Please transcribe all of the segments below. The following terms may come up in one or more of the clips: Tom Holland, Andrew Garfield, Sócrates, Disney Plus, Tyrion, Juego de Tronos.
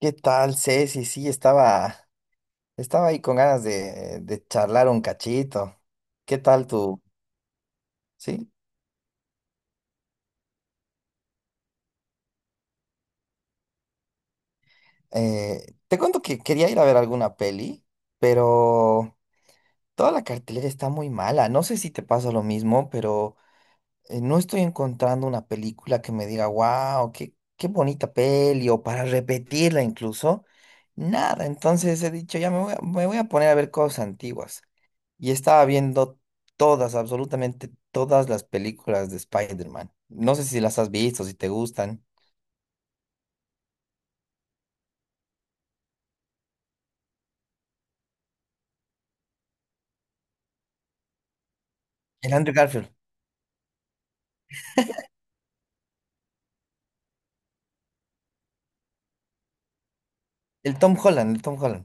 ¿Qué tal, Ceci? Sí, estaba ahí con ganas de charlar un cachito. ¿Qué tal tú? Sí. Te cuento que quería ir a ver alguna peli, pero toda la cartelera está muy mala. No sé si te pasa lo mismo, pero no estoy encontrando una película que me diga, wow, qué bonita peli, o para repetirla incluso. Nada, entonces he dicho, ya me voy a poner a ver cosas antiguas. Y estaba viendo todas, absolutamente todas las películas de Spider-Man. No sé si las has visto, si te gustan. El Andrew Garfield, el Tom Holland.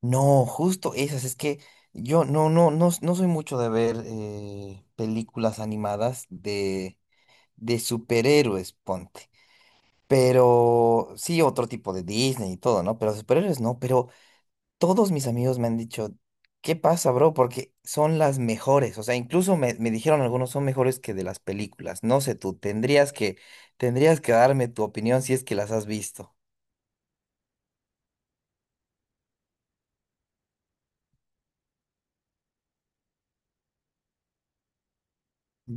No, justo esas, es que yo no soy mucho de ver películas animadas de superhéroes, ponte. Pero sí, otro tipo de Disney y todo, ¿no? Pero superhéroes no, pero todos mis amigos me han dicho, ¿qué pasa, bro? Porque son las mejores. O sea, incluso me dijeron algunos son mejores que de las películas. No sé tú, tendrías que darme tu opinión si es que las has visto.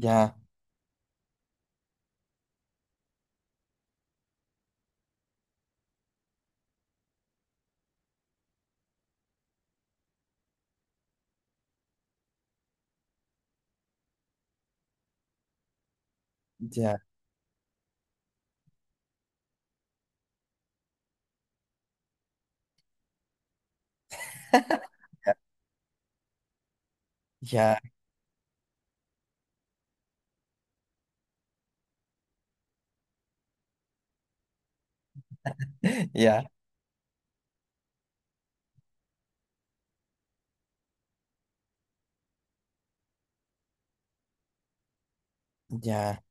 Ya, ya, ya, ya, ya,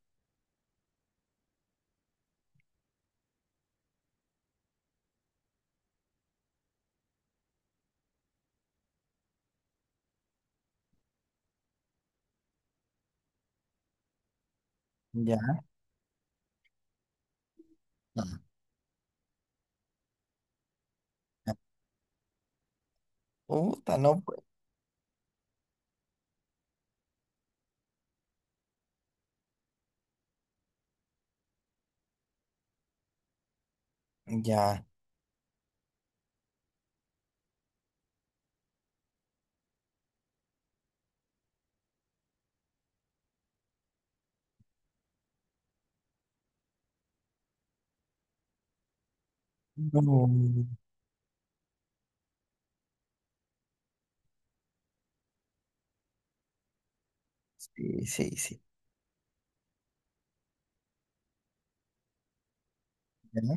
ya. Ya. Puta, no, pues, ya. No. Sí, sí, sí. Ya.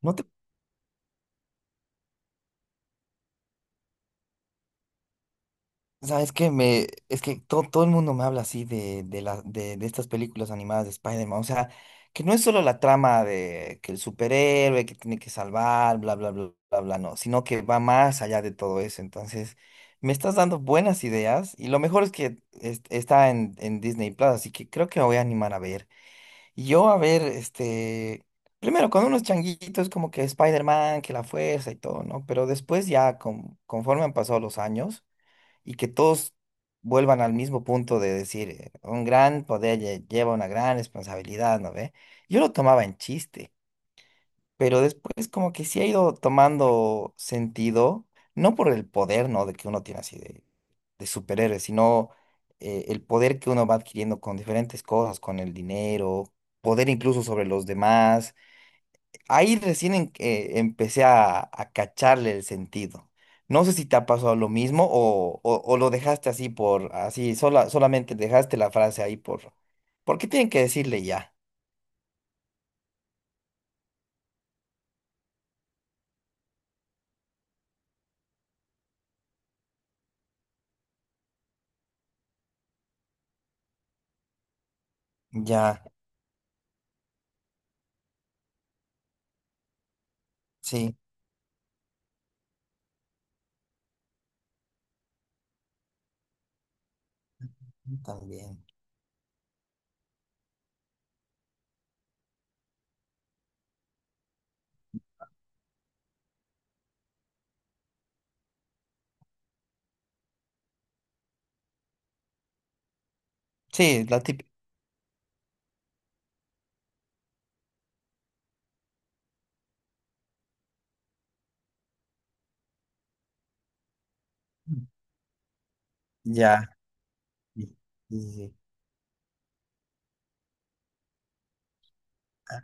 ¿No te sabes que es que todo, todo el mundo me habla así de estas películas animadas de Spider-Man. O sea, que no es solo la trama de que el superhéroe que tiene que salvar, bla, bla, bla, bla, bla, no, sino que va más allá de todo eso. Entonces, me estás dando buenas ideas y lo mejor es que está en Disney Plus, así que creo que me voy a animar a ver. Y yo a ver, este, primero con unos changuitos como que Spider-Man, que la fuerza y todo, ¿no? Pero después ya, conforme han pasado los años y que todos vuelvan al mismo punto de decir, un gran poder lleva una gran responsabilidad, ¿no ve? Yo lo tomaba en chiste, pero después como que sí ha ido tomando sentido, no por el poder, ¿no? De que uno tiene así de superhéroe, sino el poder que uno va adquiriendo con diferentes cosas, con el dinero, poder incluso sobre los demás. Ahí recién empecé a cacharle el sentido. No sé si te ha pasado lo mismo o lo dejaste así por, así, solamente dejaste la frase ahí por, porque tienen que decirle ya. Ya, sí, también. Sí, la típica. Ya. Sí, sí, sí. Ah,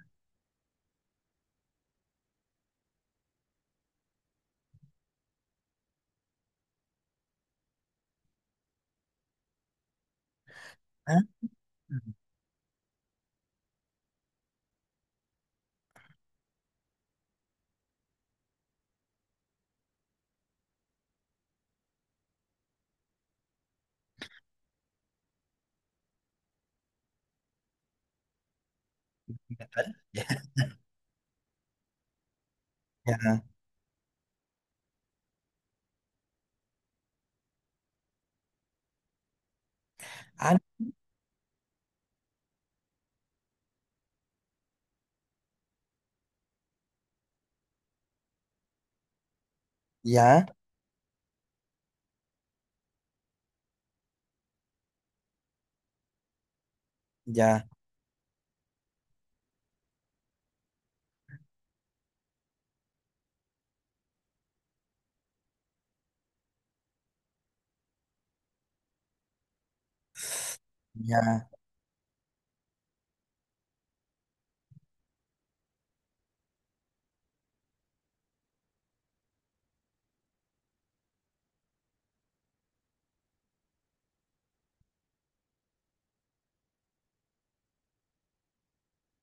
ah, ah, ya, ya, ah, ya, ya, ya,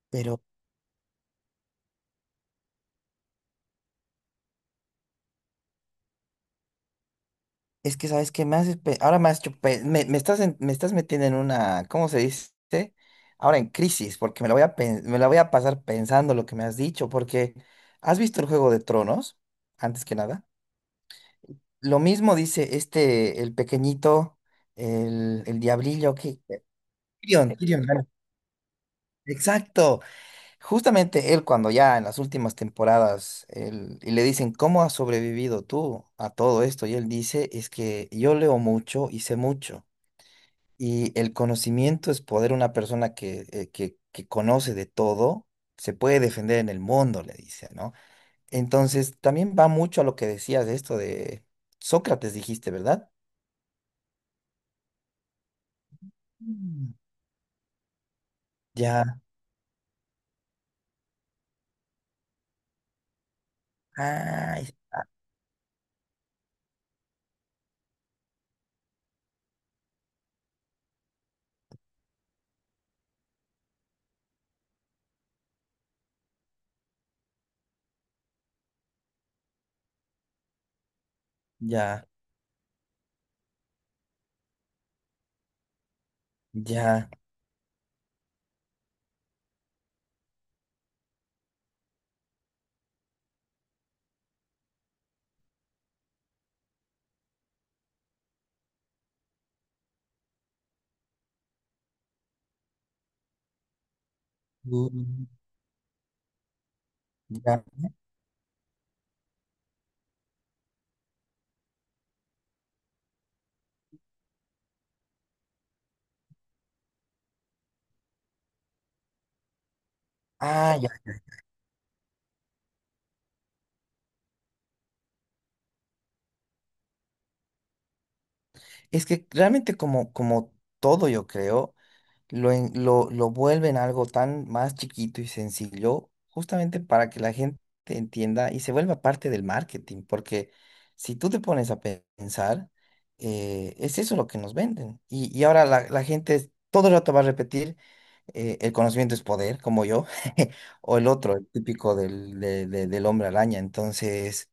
pero. Es que, ¿sabes qué? Me haces pe- Ahora me has hecho pe- Me estás me estás metiendo en una... ¿Cómo se dice? Ahora en crisis, porque me la voy a pasar pensando lo que me has dicho, porque ¿has visto el Juego de Tronos? Antes que nada. Lo mismo dice este, el pequeñito, el diablillo que... Tyrion, bueno, exacto. Justamente él cuando ya en las últimas temporadas y le dicen, ¿cómo has sobrevivido tú a todo esto? Y él dice, es que yo leo mucho y sé mucho. Y el conocimiento es poder. Una persona que, que conoce de todo se puede defender en el mundo, le dice, ¿no? Entonces, también va mucho a lo que decías de esto de Sócrates, dijiste, ¿verdad? Mm. Ya, ay, ya, ya, mm, ya, ah, ya. Es que realmente como, como todo, yo creo. Lo lo, vuelven algo tan más chiquito y sencillo, justamente para que la gente entienda y se vuelva parte del marketing, porque si tú te pones a pensar, es eso lo que nos venden. Y ahora la gente todo el rato va a repetir, el conocimiento es poder, como yo, o el otro, el típico del hombre araña. Entonces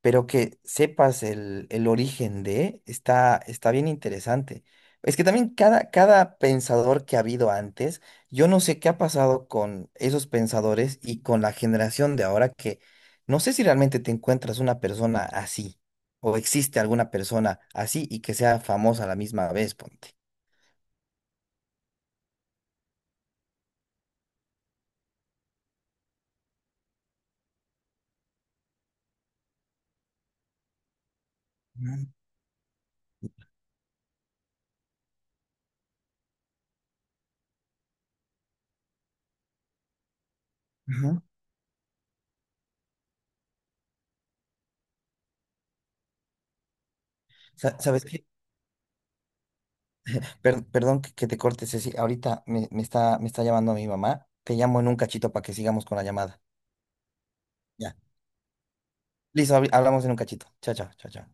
pero que sepas el origen de, está, está bien interesante. Es que también cada pensador que ha habido antes, yo no sé qué ha pasado con esos pensadores y con la generación de ahora que no sé si realmente te encuentras una persona así o existe alguna persona así y que sea famosa a la misma vez, ponte. Mm, ujú. ¿Sabes qué? Perdón que te corte, Ceci. Ahorita me está llamando mi mamá. Te llamo en un cachito para que sigamos con la llamada. Ya. Listo, hablamos en un cachito. Chao, chao, chao, chao.